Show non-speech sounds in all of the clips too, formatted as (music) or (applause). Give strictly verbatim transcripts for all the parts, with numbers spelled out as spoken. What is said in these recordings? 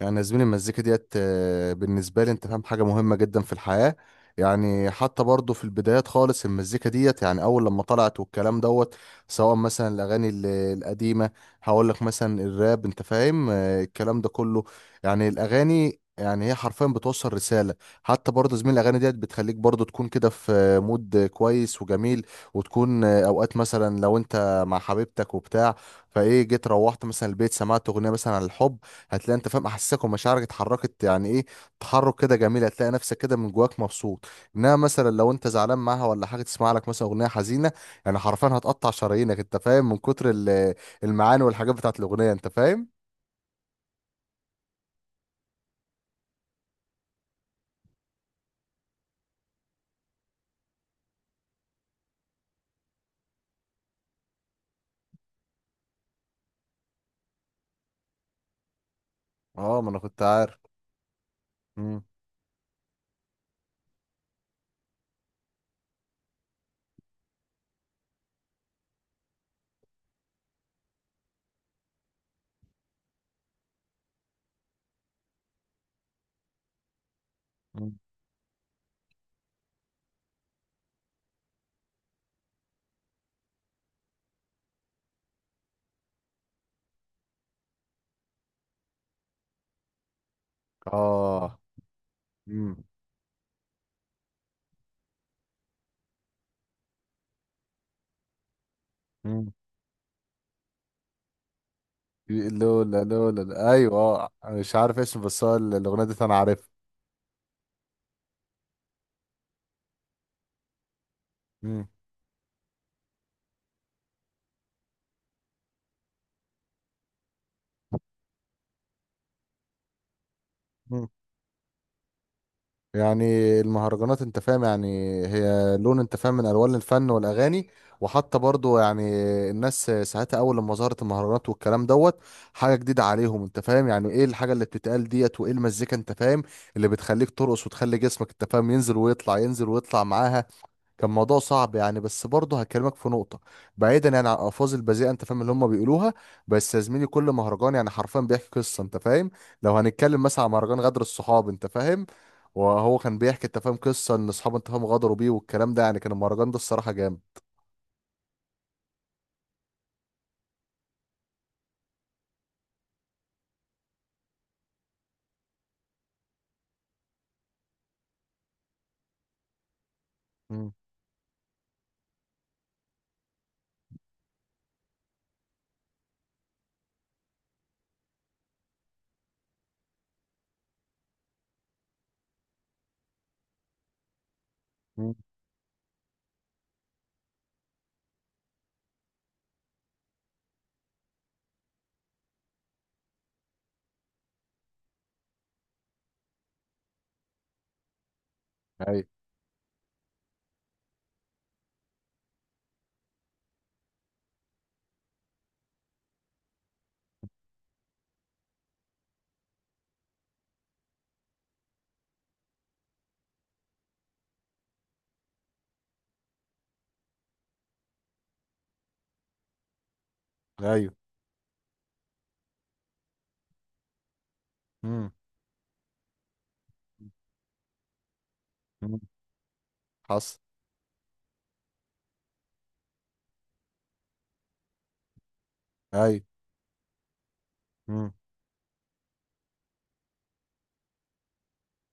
يعني يا زميلي المزيكا ديت آه، بالنسبة لي انت فاهم حاجة مهمة جدا في الحياة. يعني حتى برضه في البدايات خالص المزيكا ديت يعني أول لما طلعت والكلام دوت، سواء مثلا الأغاني ال- القديمة. هقول لك مثلا الراب انت فاهم، آه، الكلام ده كله. يعني الأغاني يعني هي حرفيا بتوصل رسالة. حتى برضه زميل الأغاني ديت بتخليك برضه تكون كده في آه، مود آه، كويس وجميل. وتكون آه، أوقات مثلا لو انت مع حبيبتك وبتاع، فايه جيت روحت مثلا البيت سمعت أغنية مثلا عن الحب. هتلاقي انت فاهم احساسك ومشاعرك اتحركت يعني ايه، تحرك كده جميل، هتلاقي نفسك كده من جواك مبسوط. انما مثلا لو انت زعلان معاها ولا حاجه تسمع لك مثلا اغنيه حزينه، يعني حرفيا هتقطع شرايينك انت فاهم من كتر ال- المعاني والحاجات بتاعت الاغنيه انت فاهم. اه، ما انا كنت عارف. مم. مم. اه. مم. مم. لولا لولا، ايوه، اه مش عارف اسمه، بس هو الاغنيه دي انا عارفها. مم. يعني المهرجانات انت فاهم يعني هي لون انت فاهم من الوان الفن والاغاني. وحتى برضو يعني الناس ساعتها اول لما ظهرت المهرجانات والكلام دوت، حاجه جديده عليهم انت فاهم يعني ايه الحاجه اللي بتتقال ديت، وايه المزيكا انت فاهم اللي بتخليك ترقص وتخلي جسمك انت فاهم ينزل ويطلع، ينزل ويطلع معاها. كان موضوع صعب، يعني بس برضه هكلمك في نقطة، بعيدا يعني عن الألفاظ البذيئة أنت فاهم اللي هم بيقولوها. بس يا زميلي كل مهرجان يعني حرفيا بيحكي قصة أنت فاهم. لو هنتكلم مثلا عن مهرجان غدر الصحاب أنت فاهم، وهو كان بيحكي أنت فاهم قصة إن أصحابه أنت فاهم غدروا بيه والكلام ده، يعني كان المهرجان ده الصراحة جامد. مم. مم. ايوه. أيوه. مم. مم. حصل. أيوه. مم.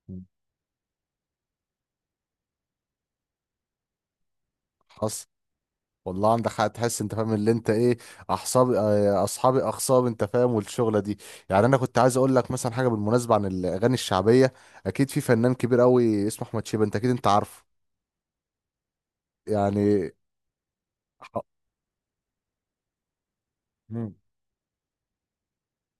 مم. حصل. والله عندك حق، تحس انت فاهم اللي انت ايه، احصابي اه، اصحابي، اخصاب انت فاهم، والشغله دي. يعني انا كنت عايز اقول لك مثلا حاجه بالمناسبه عن الاغاني الشعبيه، اكيد في فنان كبير قوي اسمه احمد شيبه، انت اكيد انت عارفه. يعني. ح- مم.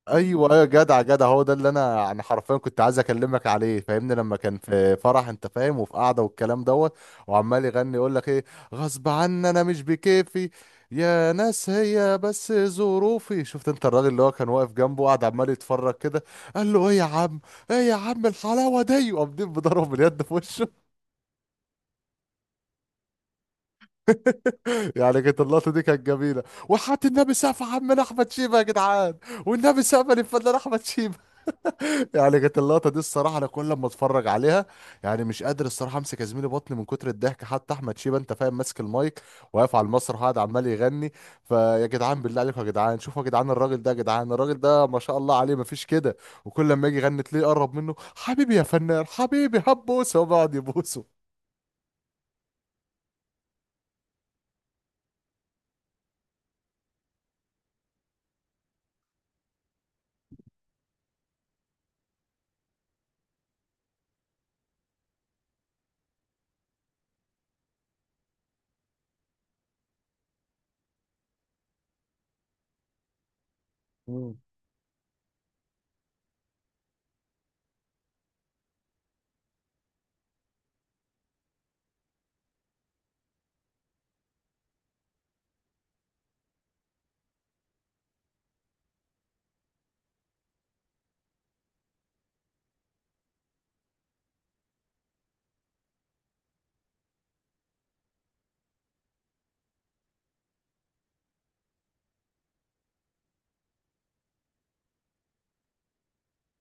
ايوه، ايوه، جدع جدع، هو ده اللي انا انا حرفيا كنت عايز اكلمك عليه، فاهمني لما كان في فرح انت فاهم وفي قعده والكلام دوت، وعمال يغني يقول لك ايه، غصب عني انا مش بكيفي، يا ناس هي بس ظروفي. شفت انت الراجل اللي هو كان واقف جنبه، قاعد عمال يتفرج كده، قال له ايه يا عم؟ ايه يا عم الحلاوه دي؟ وقامدين بضرب باليد في وشه. (laughs) يعني كانت اللقطه دي كانت جميله، وحط النبي سقف عمنا احمد شيبه يا جدعان، والنبي سقف للفنان احمد شيبه. يعني كانت اللقطة دي الصراحة، أنا كل ما أتفرج عليها يعني مش قادر الصراحة أمسك يا زميلي بطني من كتر الضحك. حتى أحمد شيبة أنت فاهم ماسك المايك، واقف على المسرح، وقاعد عمال يغني. فيا جدعان، بالله عليكم يا جدعان، شوفوا يا جدعان الراجل ده يا جدعان، الراجل ده ما شاء الله عليه مفيش كده. وكل لما يجي يغني تلاقيه يقرب منه، حبيبي يا فنان حبيبي، هبوس، هو بيقعد يبوسه.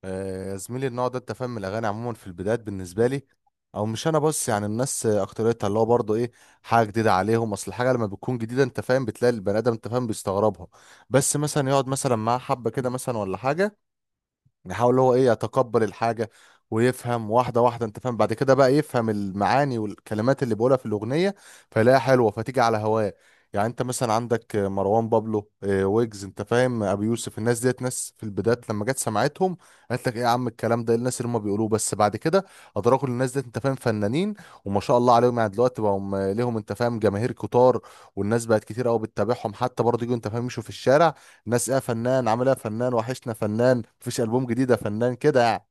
آه، يا زميلي النوع ده انت فاهم الاغاني عموما في البدايات بالنسبه لي، او مش انا بس يعني الناس، آه، اكتريتها اللي هو برضه ايه، حاجه جديده عليهم. اصل الحاجه لما بتكون جديده انت فاهم بتلاقي البني ادم انت فاهم بيستغربها، بس مثلا يقعد مثلا معاه حبه كده مثلا ولا حاجه، يحاول هو ايه يتقبل الحاجة، ويفهم واحدة واحدة انت فاهم، بعد كده بقى يفهم المعاني والكلمات اللي بيقولها في الأغنية، فيلاقيها حلوة، فتيجي على هواه. يعني انت مثلا عندك مروان بابلو، آه، ويجز انت فاهم، ابي يوسف، الناس ديت ناس في البدايات لما جت سمعتهم، قالت لك ايه يا عم الكلام ده؟ إيه الناس اللي هم بيقولوه؟ بس بعد كده ادركوا إن الناس ديت انت فاهم فنانين، وما شاء الله عليهم، يعني دلوقتي بقوا ليهم انت فاهم جماهير كتار، والناس بقت كتير قوي بتتابعهم، حتى برضه يجوا انت فاهم يمشوا في الشارع، ناس ايه يا فنان، عامل ايه يا فنان، وحشنا فنان، مفيش البوم جديد يا فنان، كده يعني.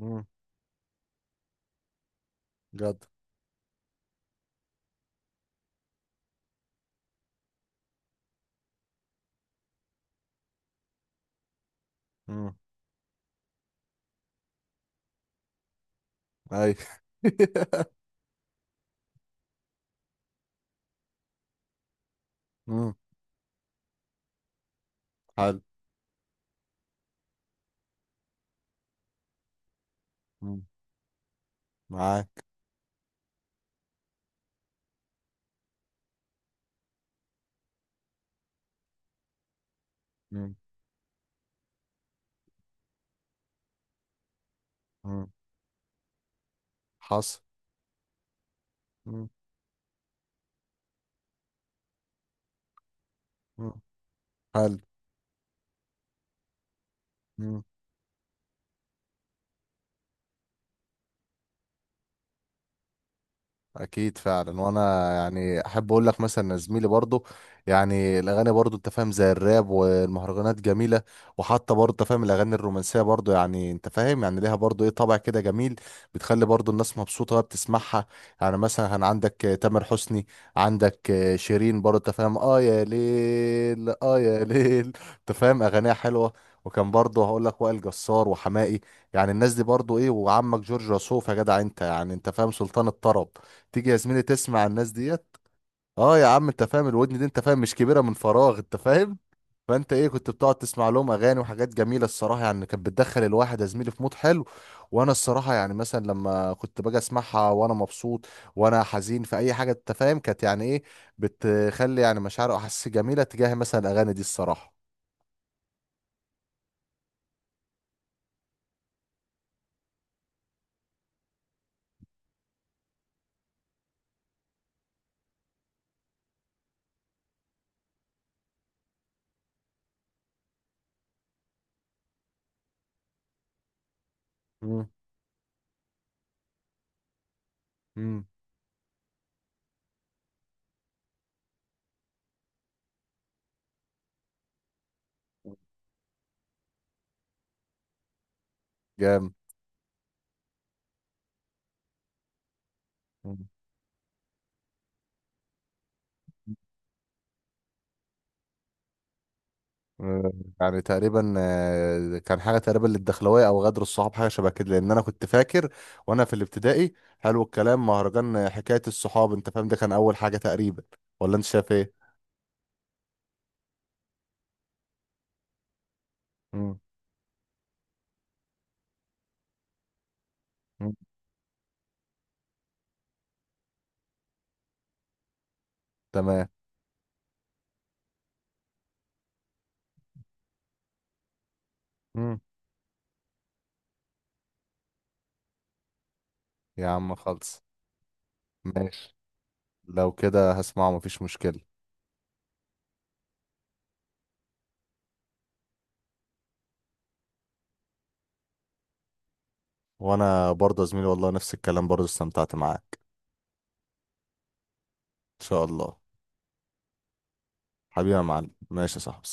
امم. جد. امم. اي. (laughs) امم. حلو. امم. معاك. امم. امم. حصل. امم. امم. حلو. اكيد فعلا، وانا يعني احب اقول لك مثلا إن زميلي برضو يعني الاغاني برضو انت فاهم زي الراب والمهرجانات جميله، وحتى برضو انت فاهم الاغاني الرومانسيه برضو يعني انت فاهم يعني ليها برضو ايه، طابع كده جميل، بتخلي برضو الناس مبسوطه وهي بتسمعها. يعني مثلا كان عندك آه، تامر حسني، عندك آه، شيرين برضو انت فاهم، اه يا ليل اه يا ليل، انت فاهم اغانيها حلوه. وكان برضه هقول لك وائل جسار وحماقي، يعني الناس دي برضه ايه، وعمك جورج وسوف يا جدع انت، يعني انت فاهم سلطان الطرب. تيجي يا زميلي تسمع الناس ديت، اه يا عم انت فاهم، الودن دي انت فاهم مش كبيره من فراغ انت فاهم. فانت ايه كنت بتقعد تسمع لهم اغاني وحاجات جميله الصراحه، يعني كانت بتدخل الواحد يا زميلي في مود حلو. وانا الصراحه يعني مثلا لما كنت باجي اسمعها وانا مبسوط، وانا حزين في اي حاجه انت فاهم، كانت يعني ايه، بتخلي يعني مشاعر واحاسيس جميله تجاه مثلا الاغاني دي الصراحه. امم. امم. جامد. مم. آه، يعني تقريبا آه، كان حاجه تقريبا للدخلويه او غدر الصحاب، حاجه شبه كده، لان انا كنت فاكر وانا في الابتدائي. حلو الكلام، مهرجان آه، حكايه الصحاب انت فاهم، ده كان اول حاجه تقريبا، ولا انت شايف ايه؟ مم. مم. تمام. مم. يا عم خلص، ماشي، لو كده هسمعه مفيش مشكله. وانا برضه يا زميلي والله نفس الكلام، برضه استمتعت معاك. ان شاء الله. حبيبي يا معلم، ماشي يا صاحبي.